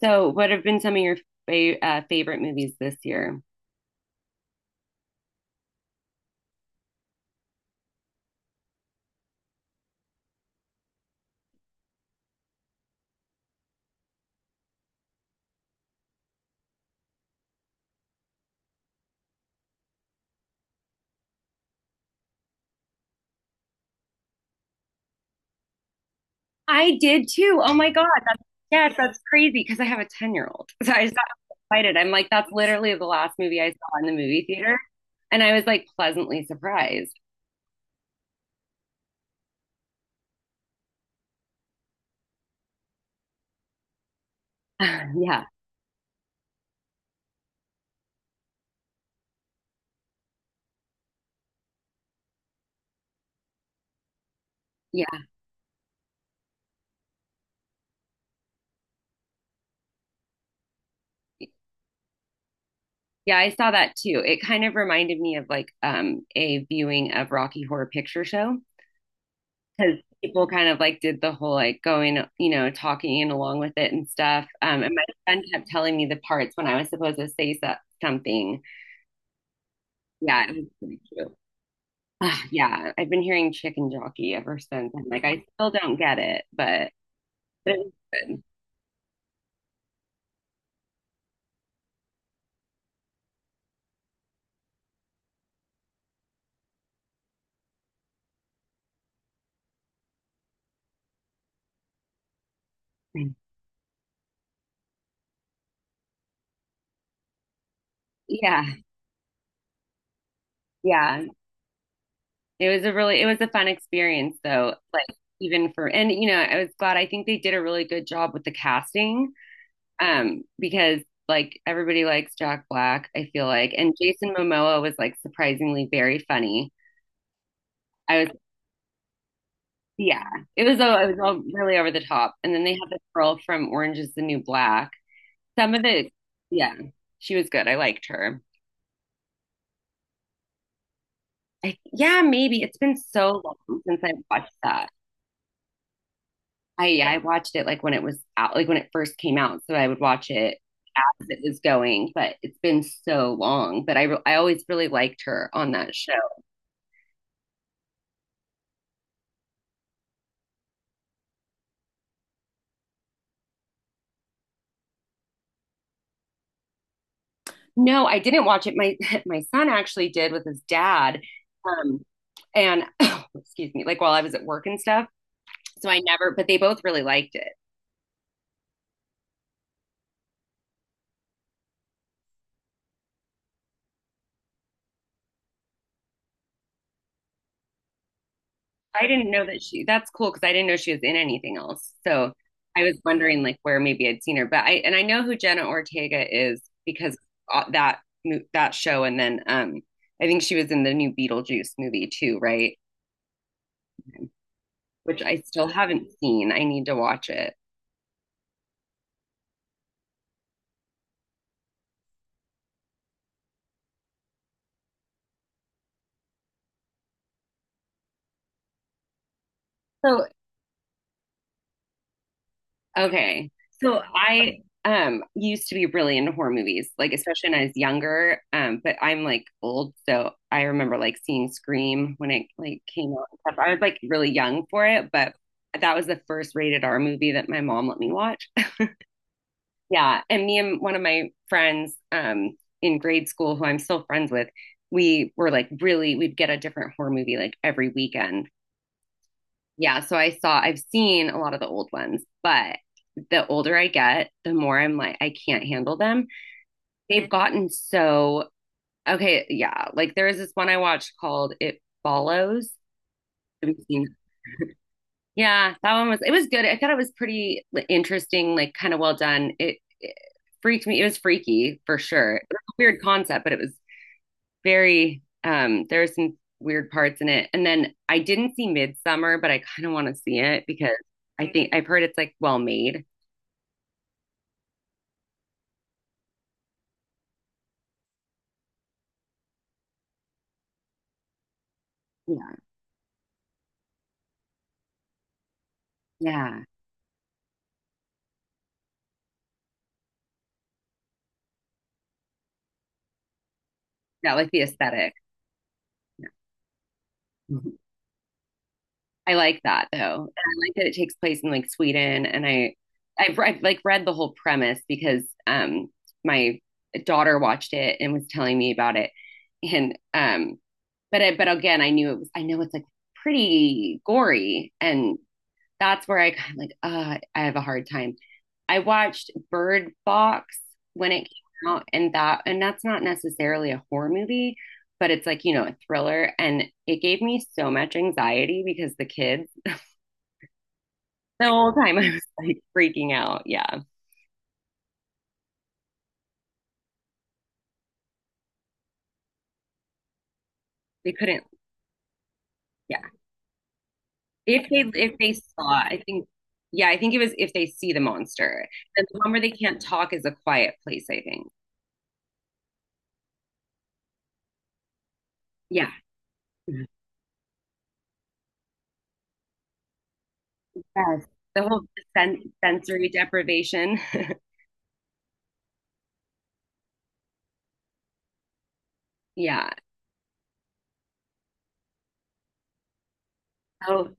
So, what have been some of your favorite movies this year? I did too. Oh my God. Yes, that's crazy because I have a 10-year-old. So I just got excited. I'm like, that's literally the last movie I saw in the movie theater. And I was like pleasantly surprised. yeah. Yeah. Yeah, I saw that too. It kind of reminded me of like a viewing of Rocky Horror Picture Show, because people kind of like did the whole like going, you know, talking and along with it and stuff. And my friend kept telling me the parts when I was supposed to say something. Yeah, it was pretty cute. Ah, yeah, I've been hearing chicken jockey ever since. I'm like, I still don't get it, but it was good. Yeah, yeah. It was a really, it was a fun experience though. Like even for, and you know, I was glad. I think they did a really good job with the casting. Because like everybody likes Jack Black, I feel like, and Jason Momoa was like surprisingly very funny. I was, yeah, it was all really over the top. And then they had the girl from Orange is the New Black. Some of it, yeah, she was good. I liked her. Yeah, maybe it's been so long since I watched that. I Yeah, I watched it like when it was out, like when it first came out, so I would watch it as it was going. But it's been so long. But I always really liked her on that show. No, I didn't watch it. My my son actually did with his dad. Um, and excuse me, like while I was at work and stuff. So I never, but they both really liked it. I didn't know that that's cool because I didn't know she was in anything else. So I was wondering like where maybe I'd seen her, but and I know who Jenna Ortega is because that show. And then, I think she was in the new Beetlejuice movie too, right? Which I still haven't seen. I need to watch it. So okay. So I used to be really into horror movies, like especially when I was younger. But I'm like old, so I remember like seeing Scream when it like came out and stuff. I was like really young for it, but that was the first rated R movie that my mom let me watch. Yeah, and me and one of my friends in grade school who I'm still friends with, we were like really we'd get a different horror movie like every weekend. Yeah, so I've seen a lot of the old ones, but the older I get, the more I'm like, I can't handle them. They've gotten so, okay, yeah. Like there was this one I watched called It Follows. Have you seen? Yeah, that one was, it was good. I thought it was pretty like, interesting, like kind of well done. It freaked me. It was freaky for sure. It was a weird concept, but it was very there are some weird parts in it. And then I didn't see Midsummer, but I kind of want to see it because I think I've heard it's like well made. Yeah. Yeah. That like the aesthetic. Yeah. Mhm. I like that though. And I like that it takes place in like Sweden and I've like read the whole premise because my daughter watched it and was telling me about it and but again I know it's like pretty gory and that's where I kind of I have a hard time. I watched Bird Box when it came out, and that's not necessarily a horror movie, but it's like, you know, a thriller. And it gave me so much anxiety because the kids, the whole time I was like freaking out. Yeah. They couldn't, yeah. If they saw, I think, yeah, I think it was if they see the monster. And the one where they can't talk is a quiet place, I think. Yeah. Yes. The whole sensory deprivation. Yeah. Oh,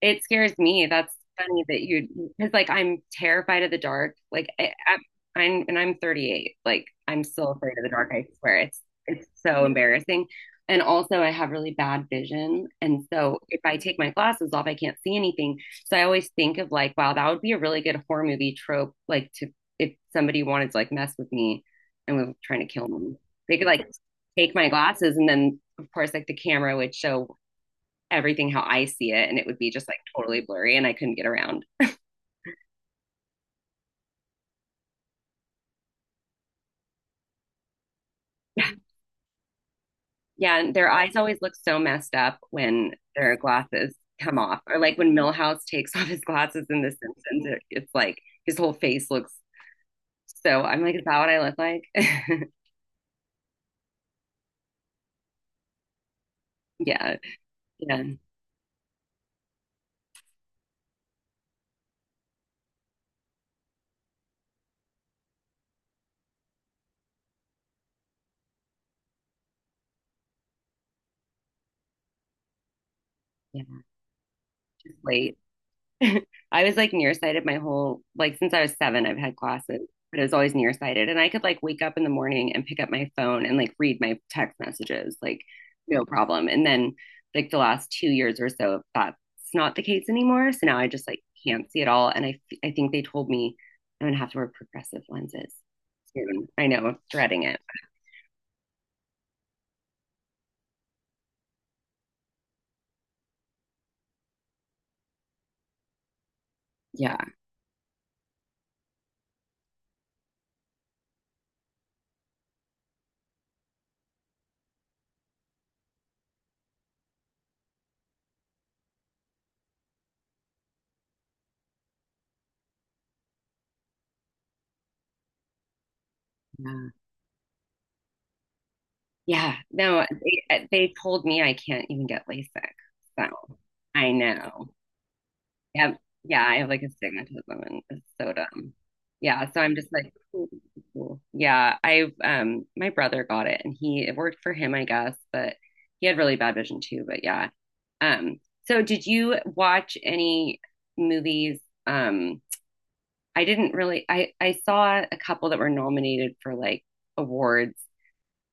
it scares me. That's funny that you, Because like I'm terrified of the dark. I'm, and I'm 38. Like I'm still afraid of the dark. I swear it's so embarrassing. And also, I have really bad vision, and so if I take my glasses off, I can't see anything. So I always think of like, wow, that would be a really good horror movie trope. Like to If somebody wanted to like mess with me and was trying to kill me, they could like take my glasses, and then of course like the camera would show everything how I see it and it would be just like totally blurry and I couldn't get around. Yeah, and their eyes always look so messed up when their glasses come off or like when Millhouse takes off his glasses in The Simpsons, it's like his whole face looks so I'm like, is that what I look like? yeah, yeah, yeah. Late. I was like nearsighted my whole like since I was seven, I've had glasses but it was always nearsighted. And I could like wake up in the morning and pick up my phone and like read my text messages, like no problem. And then like the last 2 years or so, that's not the case anymore. So now I just like can't see at all. And I think they told me I'm gonna have to wear progressive lenses soon. I know, I'm dreading it. Yeah. Yeah. Yeah. No, they told me I can't even get LASIK. So I know. Yeah, yeah, I have like astigmatism and it's so dumb. Yeah, so I'm just like, cool, cool, cool. Yeah, I've my brother got it and he it worked for him, I guess, but he had really bad vision too, but yeah. Um, so did you watch any movies? Um, I didn't really I saw a couple that were nominated for like awards.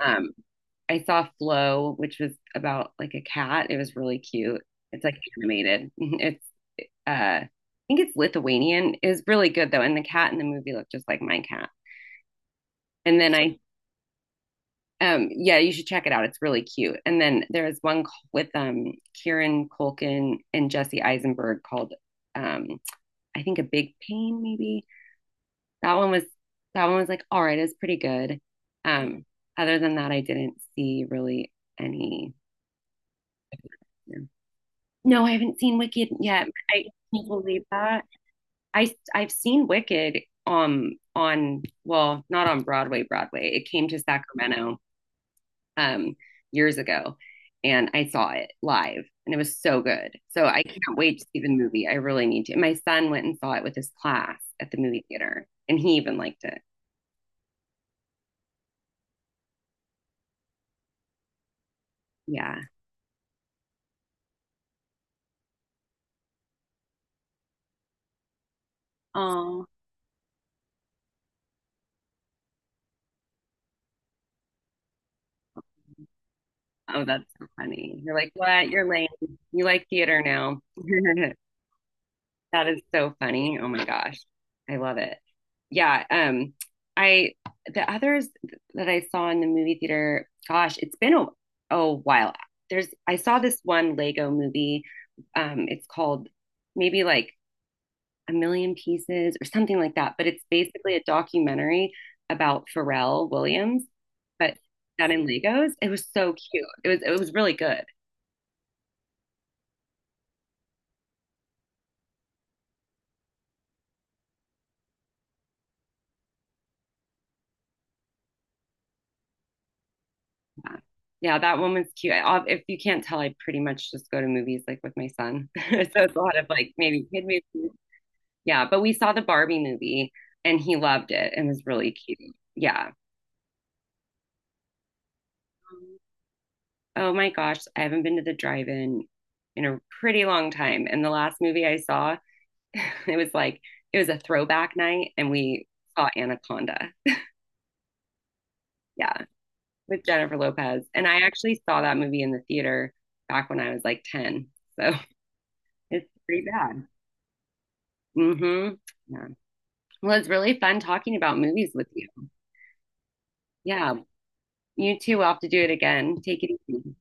Um, I saw Flow, which was about like a cat. It was really cute. It's like animated. It's I think it's Lithuanian. It was really good though. And the cat in the movie looked just like my cat. And then I, yeah, you should check it out. It's really cute. And then there's one with Kieran Culkin and Jesse Eisenberg called, um, I think, A Big Pain, maybe. That one was, that one was like, all right, it's pretty good. Um, Other than that, I didn't see really any. No, No, I haven't seen Wicked yet. I can't believe that. I've seen Wicked on well, not on Broadway, Broadway. It came to Sacramento um years ago and I saw it live and it was so good. So I can't wait to see the movie. I really need to. And my son went and saw it with his class at the movie theater and he even liked it. Yeah. Oh, oh, that's so funny. You're like, what? You're lame. You like theater now. That is so funny. Oh my gosh. I love it. Yeah, I The others that I saw in the movie theater, gosh, it's been a while. There's I saw this one Lego movie. It's called maybe like A Million Pieces or something like that, but it's basically a documentary about Pharrell Williams, but done in Legos. It was so cute. It was really good. Yeah, Yeah, that one was cute. If you can't tell, I pretty much just go to movies like with my son. So it's a lot of like maybe kid movies. Yeah, but we saw the Barbie movie and he loved it and was really cute. Yeah. Oh my gosh, I haven't been to the drive-in in a pretty long time. And the last movie I saw, it was like it was a throwback night and we saw Anaconda. Yeah, with Jennifer Lopez. And I actually saw that movie in the theater back when I was like 10. So it's pretty bad. Mm-hmm. Yeah. Well, it's really fun talking about movies with you. Yeah. You too will have to do it again. Take it easy.